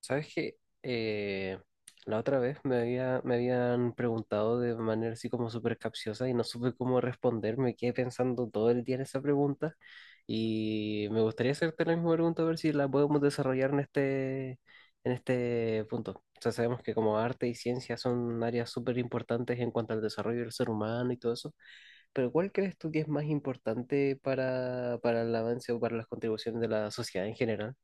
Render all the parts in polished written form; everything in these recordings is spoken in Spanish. ¿Sabes qué? Eh, la otra vez me habían preguntado de manera así como súper capciosa y no supe cómo responder. Me quedé pensando todo el día en esa pregunta y me gustaría hacerte la misma pregunta a ver si la podemos desarrollar en en este punto. O sea, sabemos que como arte y ciencia son áreas súper importantes en cuanto al desarrollo del ser humano y todo eso, pero ¿cuál crees tú que es más importante para el avance o para las contribuciones de la sociedad en general?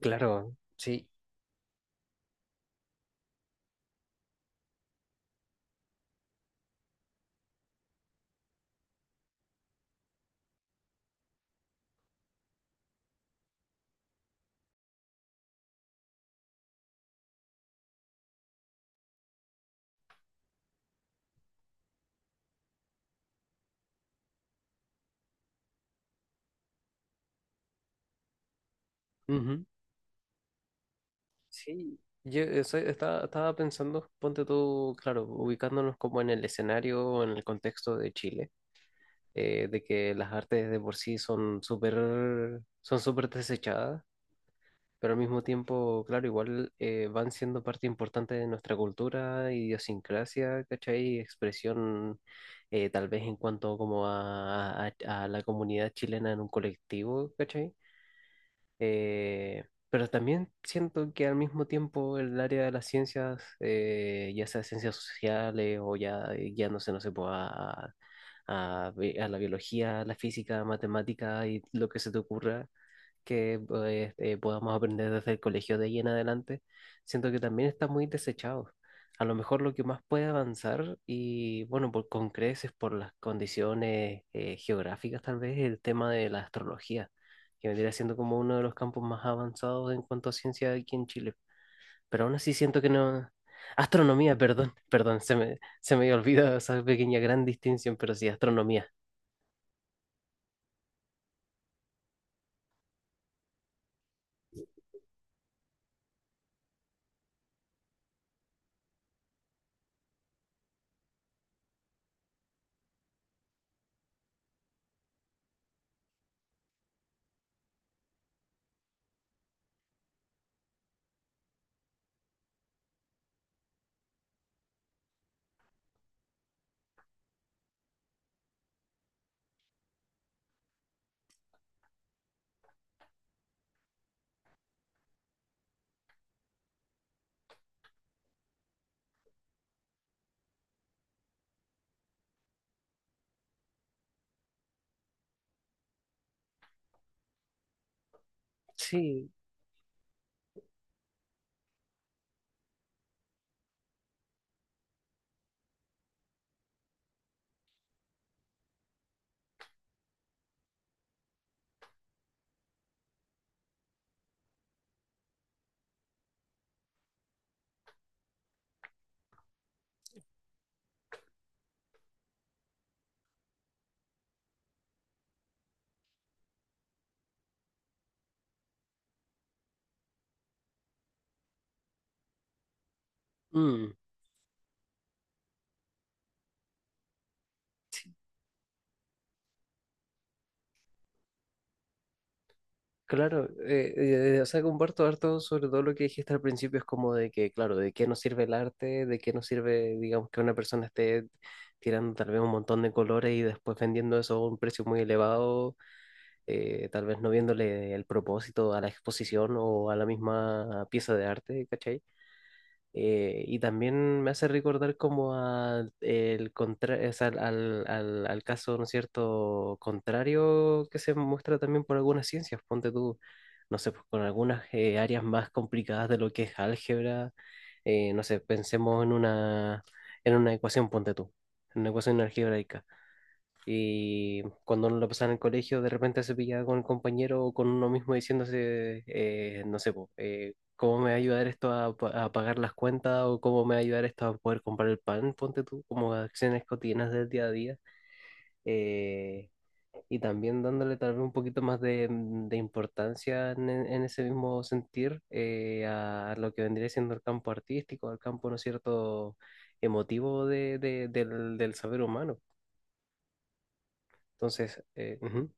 Claro, sí. Ujú. Sí, estaba pensando, ponte tú, claro, ubicándonos como en el escenario, o en el contexto de Chile, de que las artes de por sí son son súper desechadas, pero al mismo tiempo, claro, igual van siendo parte importante de nuestra cultura, idiosincrasia, ¿cachai? Expresión, tal vez en cuanto como a la comunidad chilena en un colectivo, ¿cachai? Eh, pero también siento que al mismo tiempo el área de las ciencias, ya sea ciencias sociales o ya guiándose, no sé, pues, a la biología, a la física, a matemática y lo que se te ocurra, que pues, podamos aprender desde el colegio de ahí en adelante, siento que también está muy desechado. A lo mejor lo que más puede avanzar, y bueno, por, con creces, por las condiciones geográficas tal vez, el tema de la astrología, que vendría siendo como uno de los campos más avanzados en cuanto a ciencia aquí en Chile. Pero aún así siento que no... Astronomía, perdón, perdón, se me había olvidado esa pequeña gran distinción, pero sí, astronomía. Sí. Mm. Claro, o sea, comparto harto sobre todo lo que dijiste al principio, es como de que, claro, de qué nos sirve el arte, de qué nos sirve, digamos, que una persona esté tirando tal vez un montón de colores y después vendiendo eso a un precio muy elevado, tal vez no viéndole el propósito a la exposición o a la misma pieza de arte, ¿cachai? Y también me hace recordar como a al caso, ¿no es cierto?, contrario que se muestra también por algunas ciencias. Ponte tú, no sé, pues, con algunas áreas más complicadas de lo que es álgebra. No sé, pensemos en en una ecuación, ponte tú, en una ecuación algebraica y cuando uno lo pasaba en el colegio, de repente se pillaba con el compañero o con uno mismo diciéndose, no sé, po, ¿cómo me va a ayudar esto a pagar las cuentas? ¿O cómo me va a ayudar esto a poder comprar el pan? Ponte tú, como acciones cotidianas del día a día. eh, y también dándole tal vez un poquito más de importancia en ese mismo sentir a lo que vendría siendo el campo artístico, al campo, ¿no es cierto?, emotivo del saber humano. Entonces, ujú.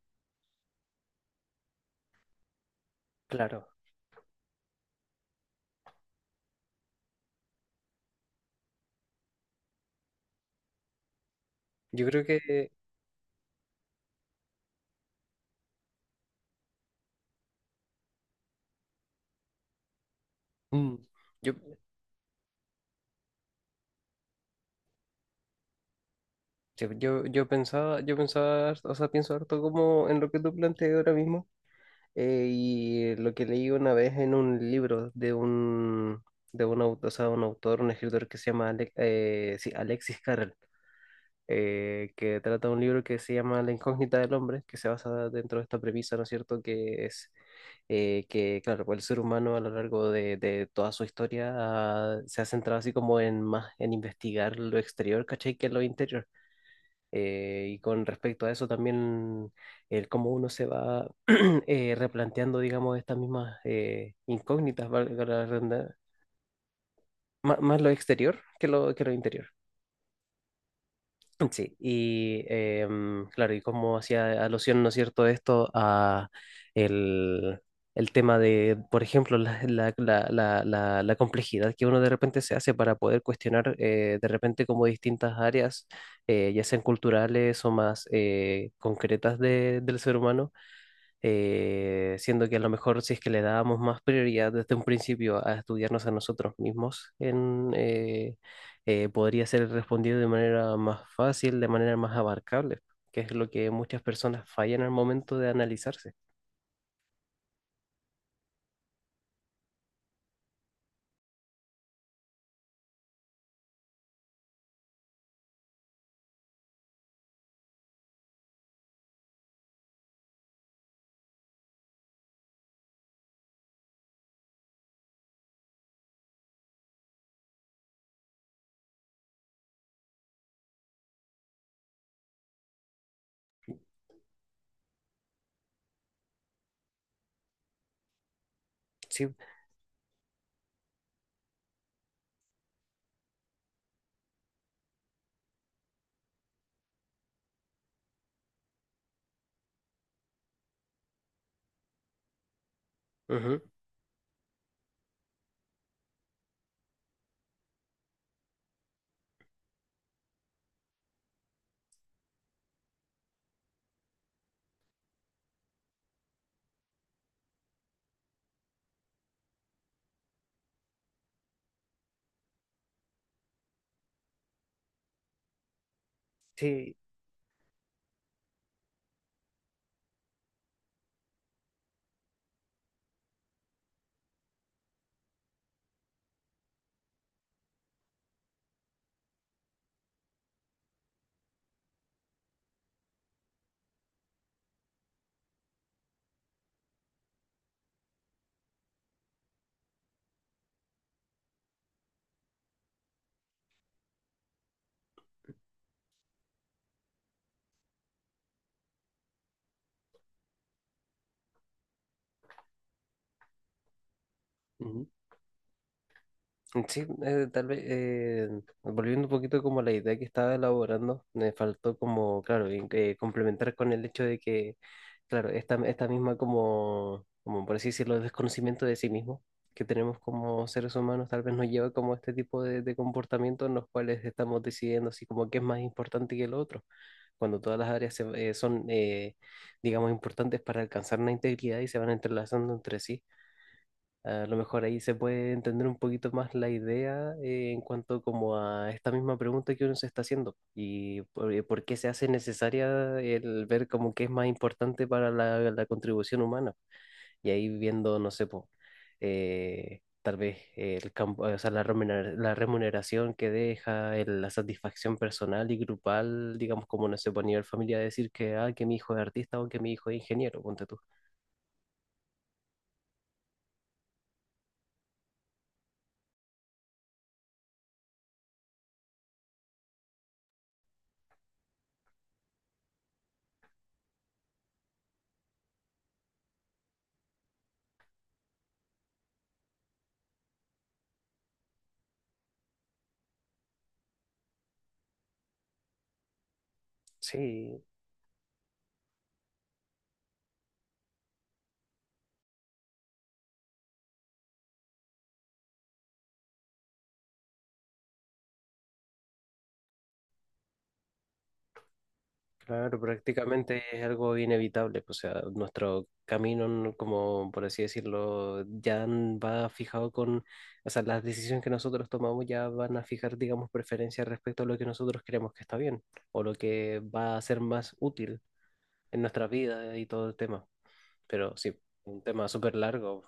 Claro, yo creo que mm, yo, yo pensaba, o sea, pienso harto como en lo que tú planteas ahora mismo y lo que leí una vez en un libro de un autor, o sea, un autor, un escritor que se llama sí, Alexis Carrel que trata un libro que se llama La incógnita del hombre, que se basa dentro de esta premisa, ¿no es cierto?, que es que, claro, pues el ser humano a lo largo de toda su historia ah, se ha centrado así como en más en investigar lo exterior, ¿cachai? Que lo interior. Y con respecto a eso también, el cómo uno se va replanteando, digamos, estas mismas incógnitas, valga la más, lo exterior que que lo interior. Sí, y em, claro, y como hacía alusión, ¿no es cierto?, esto a el, el tema de, por ejemplo, la complejidad que uno de repente se hace para poder cuestionar de repente como distintas áreas, ya sean culturales o más concretas del ser humano siendo que a lo mejor si es que le dábamos más prioridad desde un principio a estudiarnos a nosotros mismos, podría ser respondido de manera más fácil, de manera más abarcable, que es lo que muchas personas fallan al momento de analizarse. Sí, ujú, sí. Sí, tal vez volviendo un poquito como a la idea que estaba elaborando, me faltó como, claro, complementar con el hecho de que, claro, esta misma como, por así decirlo, desconocimiento de sí mismo que tenemos como seres humanos, tal vez nos lleva como a este tipo de comportamientos en los cuales estamos decidiendo así como qué es más importante que lo otro, cuando todas las áreas digamos, importantes para alcanzar una integridad y se van entrelazando entre sí. A lo mejor ahí se puede entender un poquito más la idea en cuanto como a esta misma pregunta que uno se está haciendo y por qué se hace necesaria el ver como qué es más importante para la contribución humana. Y ahí viendo, no sé, po, tal vez el campo, o sea, la remuneración que deja, la satisfacción personal y grupal, digamos como no sé, po, a nivel familia decir que, ah, que mi hijo es artista o que mi hijo es ingeniero, ponte tú. Sí, claro, prácticamente es algo inevitable, pues, o sea, nuestro camino, como por así decirlo, ya va fijado con, o sea, las decisiones que nosotros tomamos ya van a fijar, digamos, preferencias respecto a lo que nosotros creemos que está bien o lo que va a ser más útil en nuestra vida y todo el tema. Pero sí, un tema súper largo.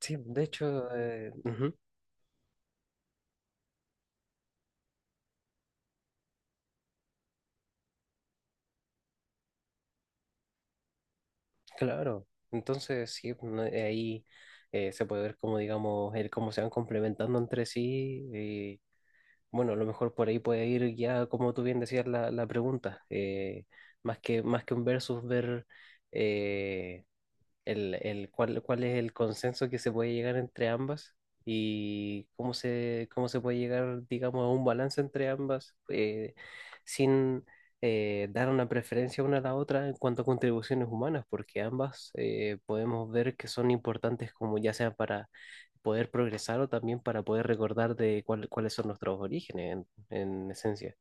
Sí, de hecho, ujú, claro. Entonces, sí, no- ahí se puede ver como, digamos, el cómo se van complementando entre sí. Bueno, a lo mejor por ahí puede ir ya, como tú bien decías, la pregunta. Más que, más que un versus, ver eh, cuál, cuál es el consenso que se puede llegar entre ambas y cómo se puede llegar, digamos, a un balance entre ambas sin dar una preferencia una a la otra en cuanto a contribuciones humanas, porque ambas podemos ver que son importantes como ya sea para poder progresar o también para poder recordar de cuáles son nuestros orígenes en esencia.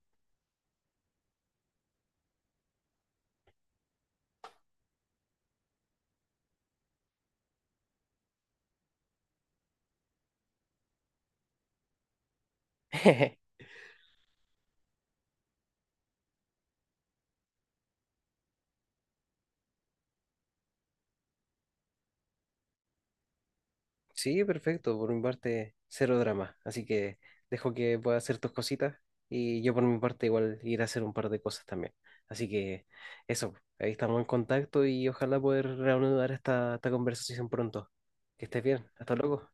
Sí, perfecto. Por mi parte, cero drama. Así que dejo que puedas hacer tus cositas y yo por mi parte igual iré a hacer un par de cosas también. Así que eso, ahí estamos en contacto y ojalá poder reanudar esta conversación pronto. Que estés bien. Hasta luego.